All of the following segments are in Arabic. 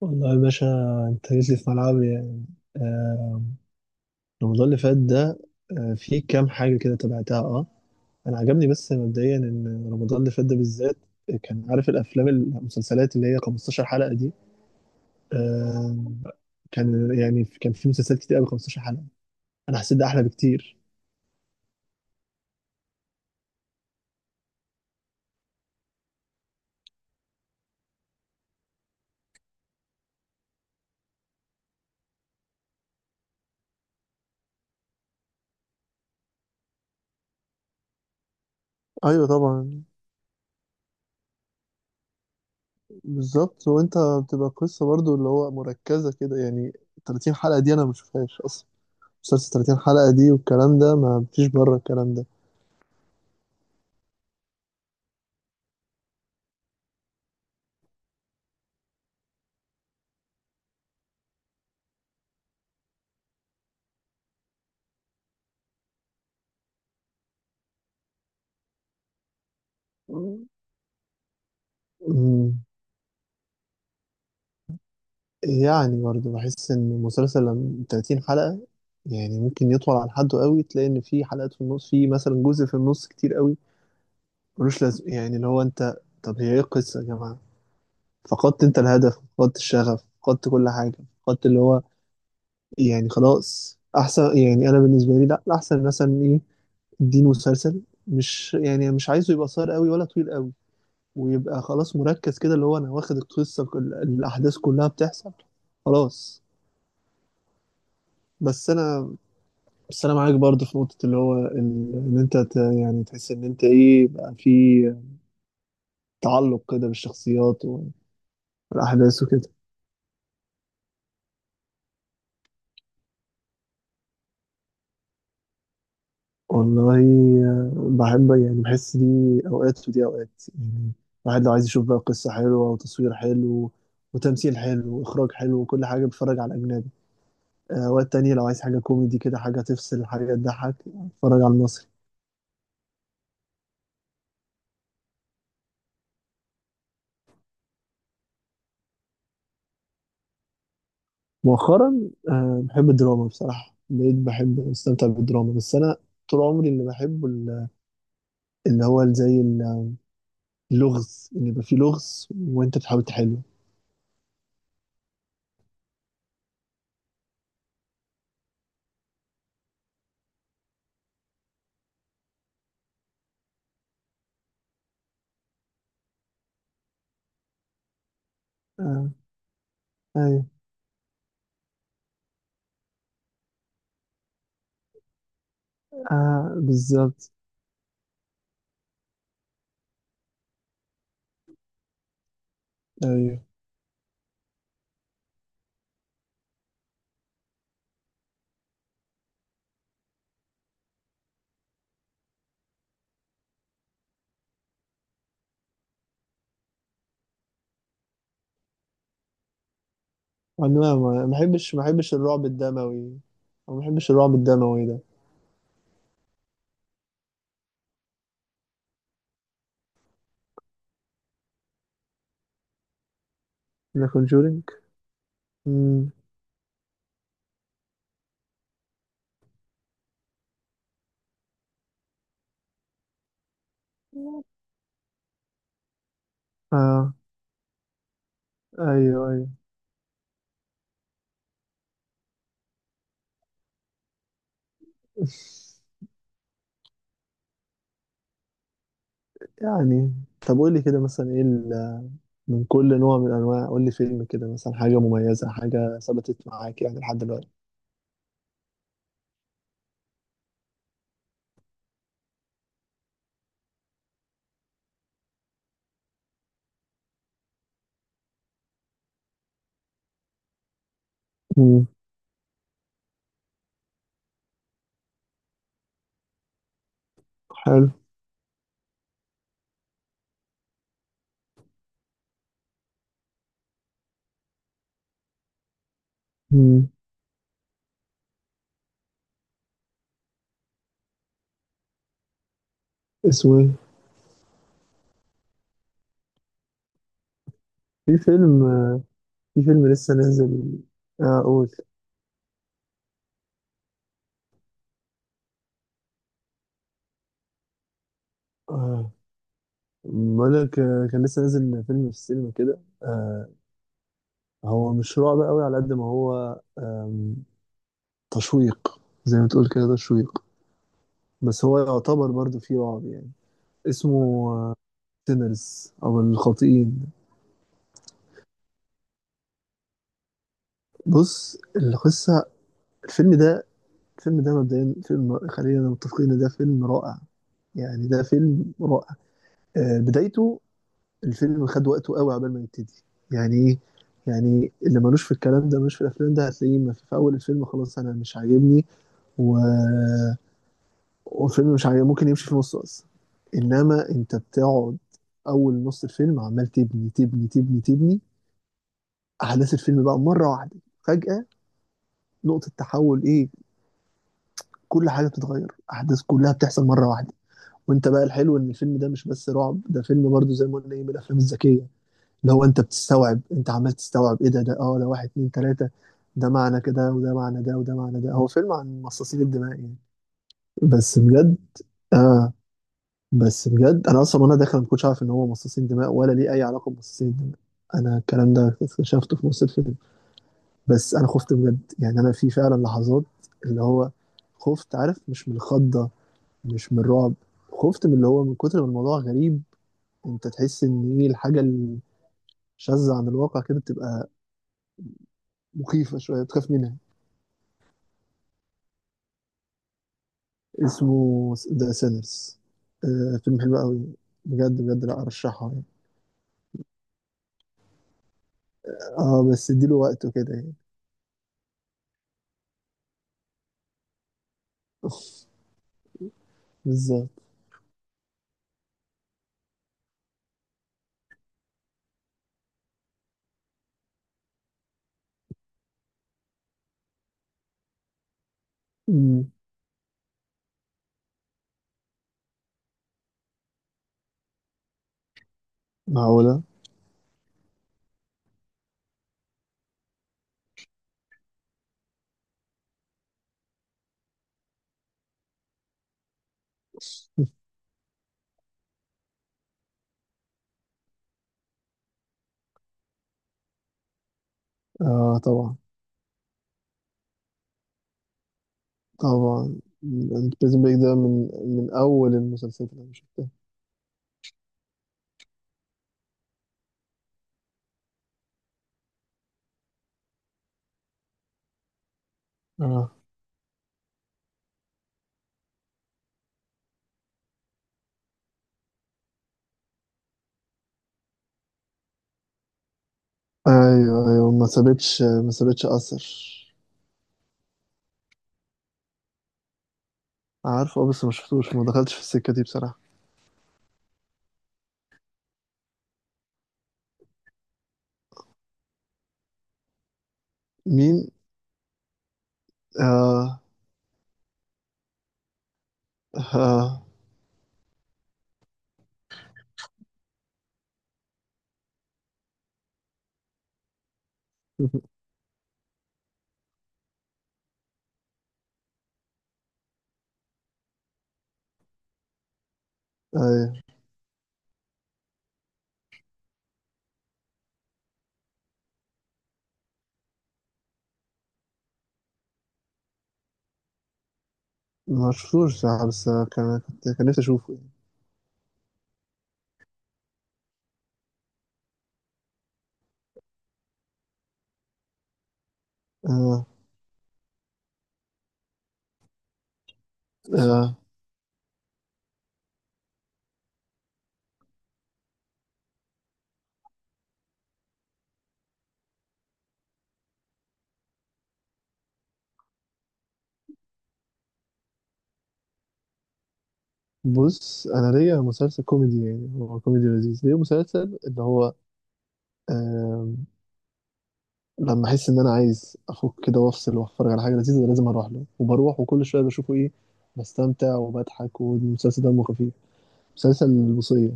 والله يا باشا، انت جيت لي في ملعبي يعني. آه، رمضان اللي فات ده، آه في كام حاجة كده تابعتها. اه انا عجبني بس مبدئيا ان رمضان اللي فات ده بالذات، كان عارف الافلام المسلسلات اللي هي 15 حلقة دي. آه كان يعني كان في مسلسلات كتير قوي 15 حلقة. انا حسيت ده احلى بكتير. ايوه طبعا، بالظبط. وانت بتبقى قصه برضو اللي هو مركزه كده يعني. 30 حلقه دي انا ما بشوفهاش اصلا، مسلسل 30 حلقه دي والكلام ده، ما فيش بره الكلام ده. مم. يعني برضه بحس ان المسلسل لما 30 حلقة، يعني ممكن يطول عن حده قوي، تلاقي ان في حلقات في النص، في مثلا جزء في النص كتير قوي ملوش لازمة. يعني اللي هو انت، طب هي ايه القصة يا جماعة؟ فقدت انت الهدف، فقدت الشغف، فقدت كل حاجة، فقدت اللي هو، يعني خلاص احسن. يعني انا بالنسبة لي لا، احسن مثلا ايه؟ اديني مسلسل، مش يعني مش عايزه يبقى قصير قوي ولا طويل قوي، ويبقى خلاص مركز كده، اللي هو انا واخد القصة الاحداث كلها بتحصل، خلاص. بس انا بس انا معاك برضه في نقطه اللي هو ان انت يعني تحس ان انت ايه بقى، في تعلق كده بالشخصيات والاحداث وكده. والله، بحب يعني بحس دي اوقات ودي اوقات يعني. الواحد لو عايز يشوف بقى قصه حلوه وتصوير حلو وتمثيل حلو واخراج حلو وكل حاجه، بتفرج على الاجنبي. اوقات تانية لو عايز حاجه كوميدي كده، حاجه تفصل، حاجه تضحك، اتفرج على المصري. مؤخرا بحب الدراما بصراحه، بقيت بحب استمتع بالدراما. بس انا طول عمري اللي بحبه اللي هو زي اللغز، ان يبقى فيه لغز وانت بتحاول تحله. آه. ايوه. آه بالظبط. ايوه. انا ما، ما بحبش الرعب الدموي، أو ما بحبش الرعب الدموي ده. ذا كونجورينج. امم. اه. ايوه ايوه. يعني طب قول لي كده مثلا ايه من كل نوع من انواع، قول لي فيلم كده مثلا، حاجه مميزه، حاجه ثبتت معاك يعني لحد دلوقتي. امم. حلو. امم. اسمه ايه؟ في فيلم، في فيلم لسه نازل. اه قول. آه، بقول لك، كان لسه نازل فيلم في السينما كده، هو مش رعب قوي على قد ما هو تشويق. زي ما تقول كده تشويق، بس هو يعتبر برضو فيه رعب يعني. اسمه سينرز او الخاطئين. بص القصة، الفيلم ده الفيلم ده مبدئيا فيلم، خلينا متفقين إن ده فيلم رائع، يعني ده فيلم رائع. بدايته، الفيلم خد وقته قوي عبال ما يبتدي. يعني ايه؟ يعني اللي ملوش في الكلام ده، ملوش في الافلام ده، هتلاقيه ما في اول الفيلم خلاص انا مش عاجبني، و... والفيلم مش عاجبني ممكن يمشي في نصه اصلا. انما انت بتقعد اول نص الفيلم، عمال تبني، احداث الفيلم بقى مره واحده فجاه، نقطه تحول، ايه، كل حاجه بتتغير، احداث كلها بتحصل مره واحده. وانت بقى، الحلو ان الفيلم ده مش بس رعب، ده فيلم برضه زي ما قلنا ايه، من الافلام الذكيه. لو انت بتستوعب، انت عمال تستوعب ايه، ده ده اه ده واحد اتنين تلاتة، ده معنى كده وده معنى ده وده معنى ده. هو فيلم عن مصاصين الدماء يعني، بس بجد. اه بس بجد، انا اصلا وانا داخل ما كنتش عارف ان هو مصاصين دماء ولا ليه اي علاقة بمصاصين الدماء، انا الكلام ده اكتشفته في نص الفيلم. بس انا خفت بجد، يعني انا في فعلا لحظات اللي هو خفت، عارف مش من الخضة، مش من الرعب، خفت من اللي هو من كتر ما الموضوع غريب. انت تحس ان ايه، الحاجة الشاذة عن الواقع كده بتبقى مخيفة شوية، بتخاف منها. اسمه ذا سينرز. آه فيلم حلو قوي بجد بجد، لا ارشحه يعني. اه بس اديله وقته كده يعني. بالظبط. مم. معقولة. اه طبعا. طبعا. بريزن بريك ده من، من اول المسلسلات اللي انا شفتها. اه. ايوه ايوه، ما سابتش اثر. عارفه اه، بس ما شفتوش، ما دخلتش في السكه دي بصراحه. مين؟ اه. اه. ايوه. ما شفتوش صراحه، بس كان كنت كان نفسي اشوفه يعني. آه. آه. بص انا ليا مسلسل كوميدي، يعني هو كوميدي لذيذ، ليا مسلسل اللي هو آه، لما احس ان انا عايز افك كده وافصل واتفرج على حاجه لذيذه، لازم اروح له، وبروح وكل شويه بشوفه، ايه، بستمتع وبضحك والمسلسل دمه خفيف، مسلسل الوصيه.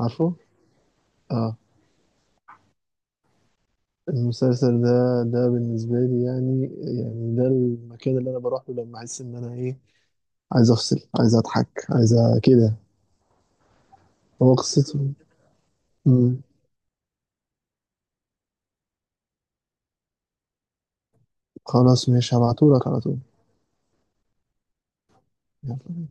عارفه؟ اه. المسلسل ده، ده بالنسبه لي يعني، يعني ده المكان اللي انا بروح له لما احس ان انا ايه، عايز افصل، عايز اضحك، عايز كده. هو قصته، مم. خلاص ماشي هبعتهولك على طول. يلا.